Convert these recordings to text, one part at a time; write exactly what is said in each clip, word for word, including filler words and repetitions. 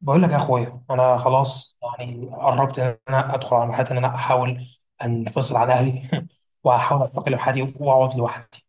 بقول لك يا اخويا، انا خلاص يعني قربت ان انا ادخل على مرحله ان انا احاول انفصل عن اهلي. واحاول استقل بحياتي واقعد لوحدي،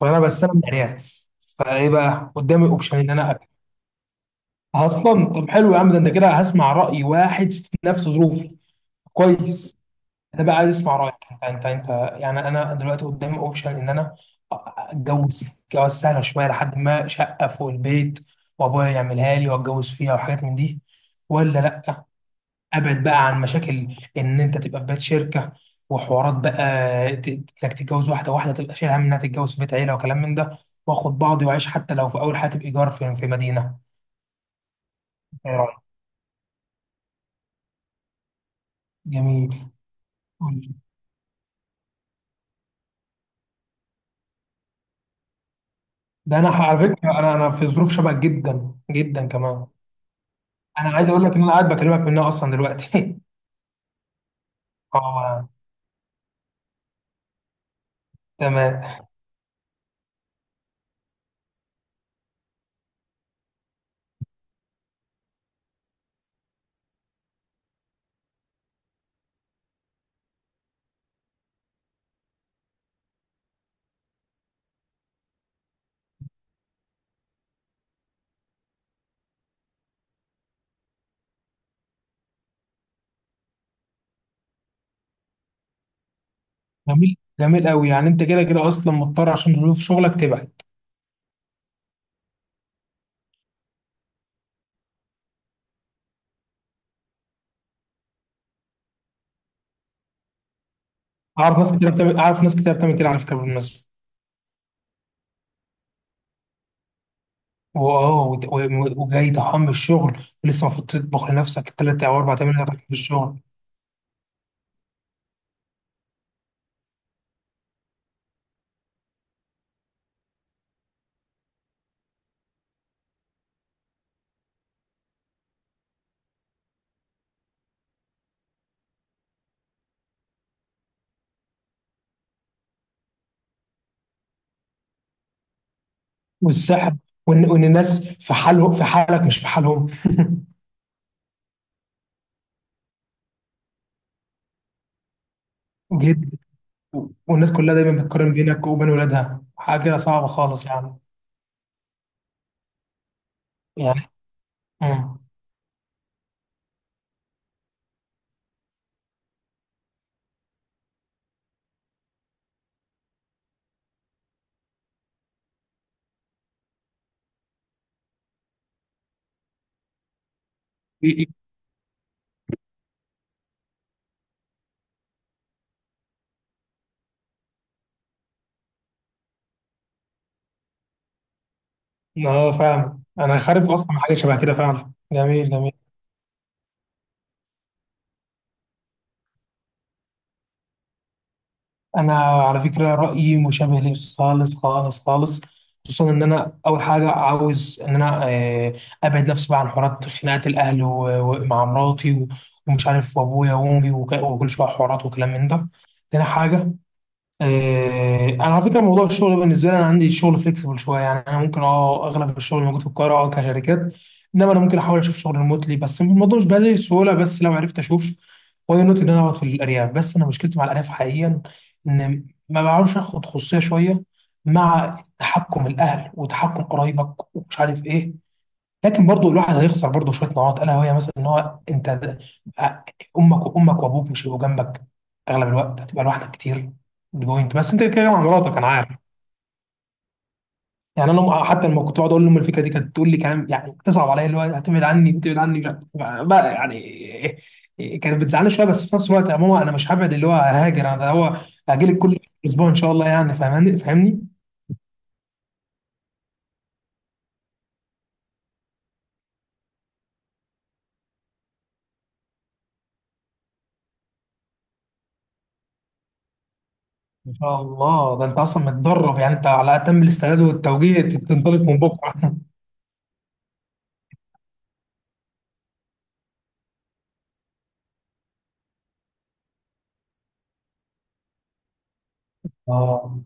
فانا بس انا مقنع، فايه بقى قدامي اوبشن ان انا أكل. اصلا طب حلو يا عم، ده انت كده هسمع راي واحد في نفس ظروفي. كويس. انا بقى عايز اسمع رايك انت انت انت. يعني انا دلوقتي قدامي اوبشن ان انا اتجوز، جواز سهله شويه، لحد ما شقه فوق البيت وابويا يعملها لي واتجوز فيها وحاجات من دي، ولا لا ابعد بقى عن مشاكل ان انت تبقى في بيت شركه وحوارات بقى، ت- انك تتجوز واحده، واحده تبقى شايل هم انها تتجوز في بيت عيله وكلام من ده، واخد بعضي واعيش حتى لو في اول حياتي بايجار في في مدينه. ايه رايك؟ جميل. ده انا على فكره انا انا في ظروف شبه جدا جدا كمان. انا عايز اقول لك ان انا قاعد بكلمك منها اصلا دلوقتي. اه. تمام. جميل جميل قوي، يعني انت كده كده اصلا مضطر عشان ظروف شغلك تبعد. اعرف ناس كتير بتعمل، اعرف ناس كتير بتعمل كده على فكره بالمناسبه. واه وت- و- وجاي ضحام من الشغل ولسه المفروض تطبخ لنفسك ثلاث او اربع تمن ساعات في الشغل. والسحب، وان وان الناس في حالهم، في حالك مش في حالهم. جد. والناس كلها دايما بتقارن بينك وبين ولادها، حاجه صعبه خالص يعني. يعني امم إيه- إيه. اه فاهم، انا خارج اصلا من حاجه شبه كده فعلا. جميل جميل. انا على فكره رايي مشابه ليك خالص خالص خالص، خصوصا ان انا اول حاجه عاوز ان انا آه، ابعد نفسي بقى عن حوارات خناقات الاهل، و- ومع مراتي و- ومش عارف، وابويا وامي، وك- وكل شويه حوارات وكلام من ده. تاني حاجه، آه، انا على فكره موضوع الشغل بالنسبه لي، انا عندي الشغل فليكسبل شويه، يعني انا ممكن اه اغلب الشغل موجود في القاهره اه كشركات، انما انا ممكن احاول اشوف شغل ريموتلي، بس الموضوع مش بهذه السهوله، بس لو عرفت اشوف واي نوت ان انا اقعد في الارياف. بس انا مشكلتي مع الارياف حقيقيا ان ما بعرفش اخد خصوصيه شويه مع تحكم الاهل وتحكم قرايبك ومش عارف ايه. لكن برضو الواحد هيخسر برضو شويه نقاط، الا وهي مثلا ان هو انت د- امك، وامك وابوك مش هيبقوا جنبك، اغلب الوقت هتبقى لوحدك كتير. دي بوينت، بس انت بتتكلم عن مراتك انا عارف. يعني انا أم- حتى لما كنت بقعد اقول لام الفكره دي كانت تقول لي كلام، يعني تصعب عليا، اللي هو هتبعد عني، تبعد عني مش عارف بقى يعني. إيه- إيه، كانت بتزعلني شويه بس في نفس الوقت يا ماما انا مش هبعد، اللي هو هاجر، انا ده هو هاجي لك كل اسبوع ان شاء الله، يعني فاهماني فاهمني. ان شاء الله، ده انت اصلا متدرب، يعني انت على اتم الاستعداد والتوجيه تنطلق من بكره. اه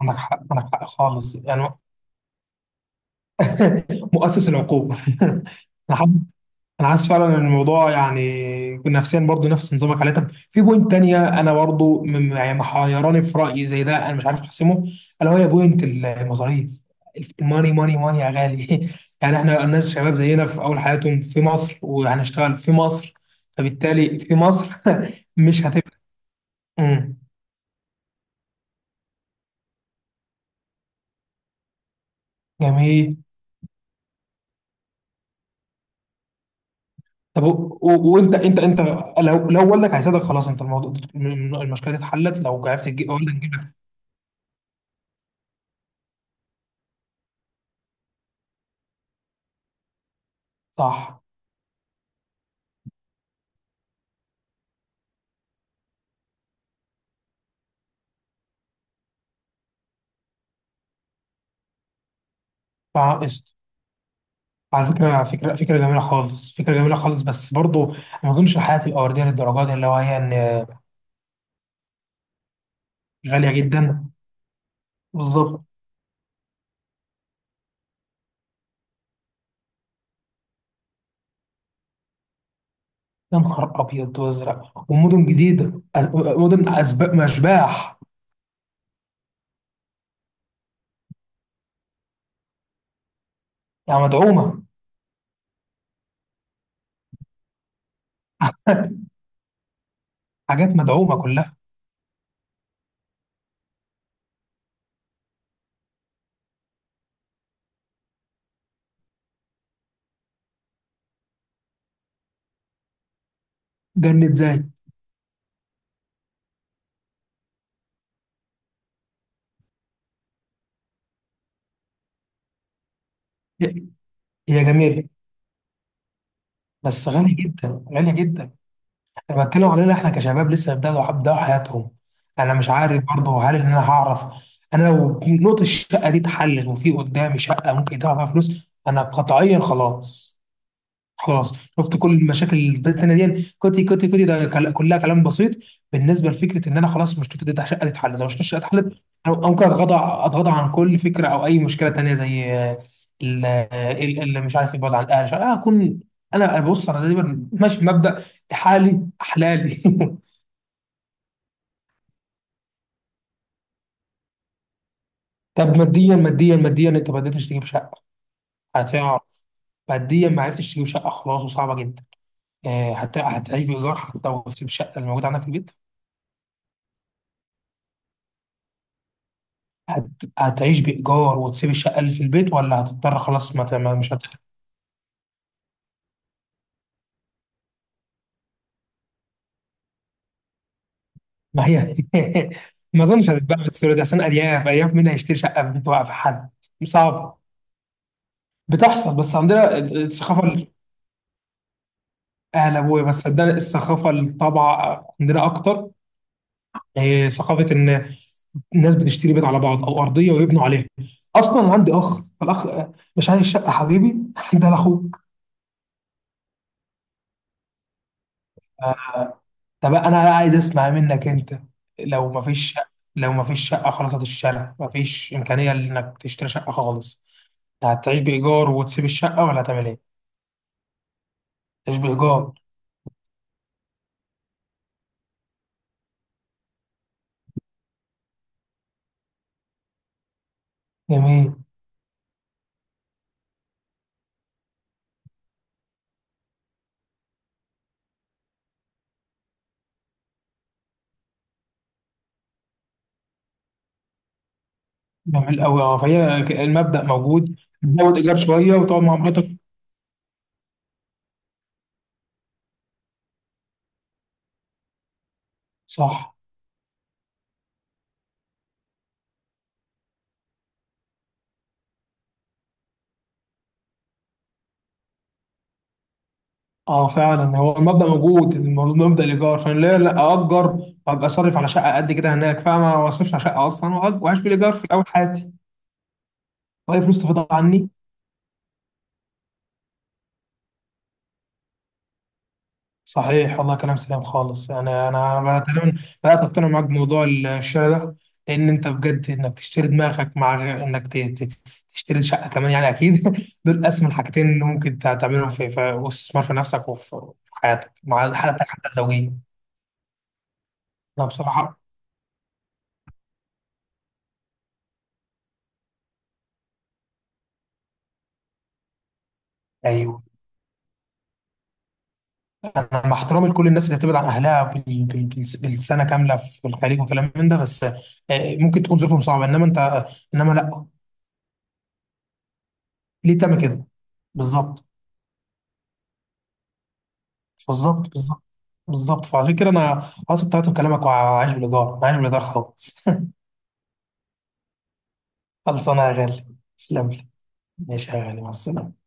عندك حق، عندك حق خالص يعني. مؤسس العقوبة. أنا حاسس، أنا حاسس فعلا إن الموضوع يعني نفسيا برضو نفس نظامك عليه. طب في بوينت تانية أنا برضو م- يعني محيراني في رأيي زي ده، أنا مش عارف أحسمه، ألا وهي بوينت المصاريف، الماني ماني ماني يا غالي. يعني إحنا الناس شباب زينا في أول حياتهم في مصر وهنشتغل في مصر، فبالتالي في مصر. مش هتبقى. مم. جميل. طب و- و- وانت انت انت، لو لو والدك هيساعدك خلاص، انت الموضوع، المشكله دي اتحلت لو عرفت تجيب والدك تجيب لك. صح. فقشط. على فكره فكره فكره جميله خالص، فكره جميله خالص، بس برضو ما اظنش الحياه تبقى ورديه للدرجه دي اللي هو هي ان. غاليه جدا. بالظبط. يا نهار ابيض وازرق، ومدن جديده، أز- مدن اسباب مشباح. يعني مدعومه، حاجات مدعومه كلها. جنة زي. هي، هي جميله بس غاليه جدا، غاليه جدا. انا بتكلم علينا احنا كشباب لسه بيبداوا بيبداوا حياتهم. انا مش عارف برضه هل ان انا هعرف. انا لو نقطة الشقة دي اتحلت وفي قدامي شقة ممكن يدفع فيها فلوس، انا قطعيا خلاص. خلاص. شفت كل المشاكل اللي بقت التانية دي كوتي كوتي كوتي، ده كل- كلها كلام بسيط بالنسبه لفكره ان انا خلاص مشكلتي دي شقه تتحل. لو مشكلتي الشقه اتحلت، انا أنا ممكن اتغاضى، اتغاضى عن كل فكره او اي مشكله تانية زي اللي مش عارف يبعد عن الاهل مش عارف، أنا اكون، انا أنا بص انا دايما ماشي بمبدا حالي احلالي. طب ماديا، ماديا ماديا، انت ما قدرتش تجيب شقه، هتقع. ماديا ما عرفتش تجيب شقه خلاص وصعبه جدا، آه، هت- هتعيش بايجار حتى، وتسيب الشقه اللي موجوده عندك في البيت؟ هت... هتعيش بإيجار وتسيب الشقة اللي في البيت، ولا هتضطر خلاص ما ت- ما- مش هت... ما هي. ما أظنش هتتباع بالسهولة دي، عشان أرياف، أرياف مين هيشتري شقة في بيت واقف حد؟ صعب. بتحصل بس عندنا ال- الثقافة ال- أهل أبويا، بس عندنا الثقافة، الطبع عندنا أكتر، إيه، ثقافة إن الناس بتشتري بيت على بعض أو أرضية ويبنوا عليها. أصلا أنا عندي أخ، فالأخ آه، مش عايز شقة حبيبي. ده لأخوك. طب انا بقى عايز اسمع منك انت، لو ما فيش، لو ما فيش شقه خلاص هتشتريها، ما فيش امكانيه انك تشتري شقه خالص، هتعيش بايجار وتسيب الشقه، ولا هتعمل ايه؟ تعيش بايجار. جميل جميل قوي، اه فهي ك- المبدا موجود. تزود ايجار شويه وتقعد مع مراتك. صح. اه فعلا، هو المبدا موجود، الموضوع، مبدا الايجار، فانا ليه لا اجر وابقى صرف على شقه قد كده هناك، فاهمه؟ ما اصرفش على شقه اصلا وأج- واعيش بالايجار في الاول حياتي، واي فلوس تفضل عني. صحيح والله، كلام سليم خالص. انا انا أنا تقريبا بدات اقتنع معاك بموضوع الشراء ده، لان انت بجد انك تشتري دماغك، مع غير انك ت- ت- تشتري شقه كمان، يعني اكيد. دول اسمى الحاجتين اللي ممكن تع- تعملهم في في واستثمار في نفسك وفي في حياتك، مع حتى حتى الزوجيه. انا بصراحه، ايوه، انا مع احترامي لكل الناس اللي بتبعد عن اهلها بال- بال- بال- بالسنه كامله في الخليج وكلام من ده، بس آه، ممكن تكون ظروفهم صعبه، انما انت، انما لا، ليه تعمل كده؟ بالظبط، بالظبط، بالظبط. بالظبط، فعشان كده انا اصلا بتاعت كلامك، وعايش بالايجار، عايش بالايجار خالص. خلصانه يا غالي. تسلم لي. ماشي يا غالي، مع السلامه.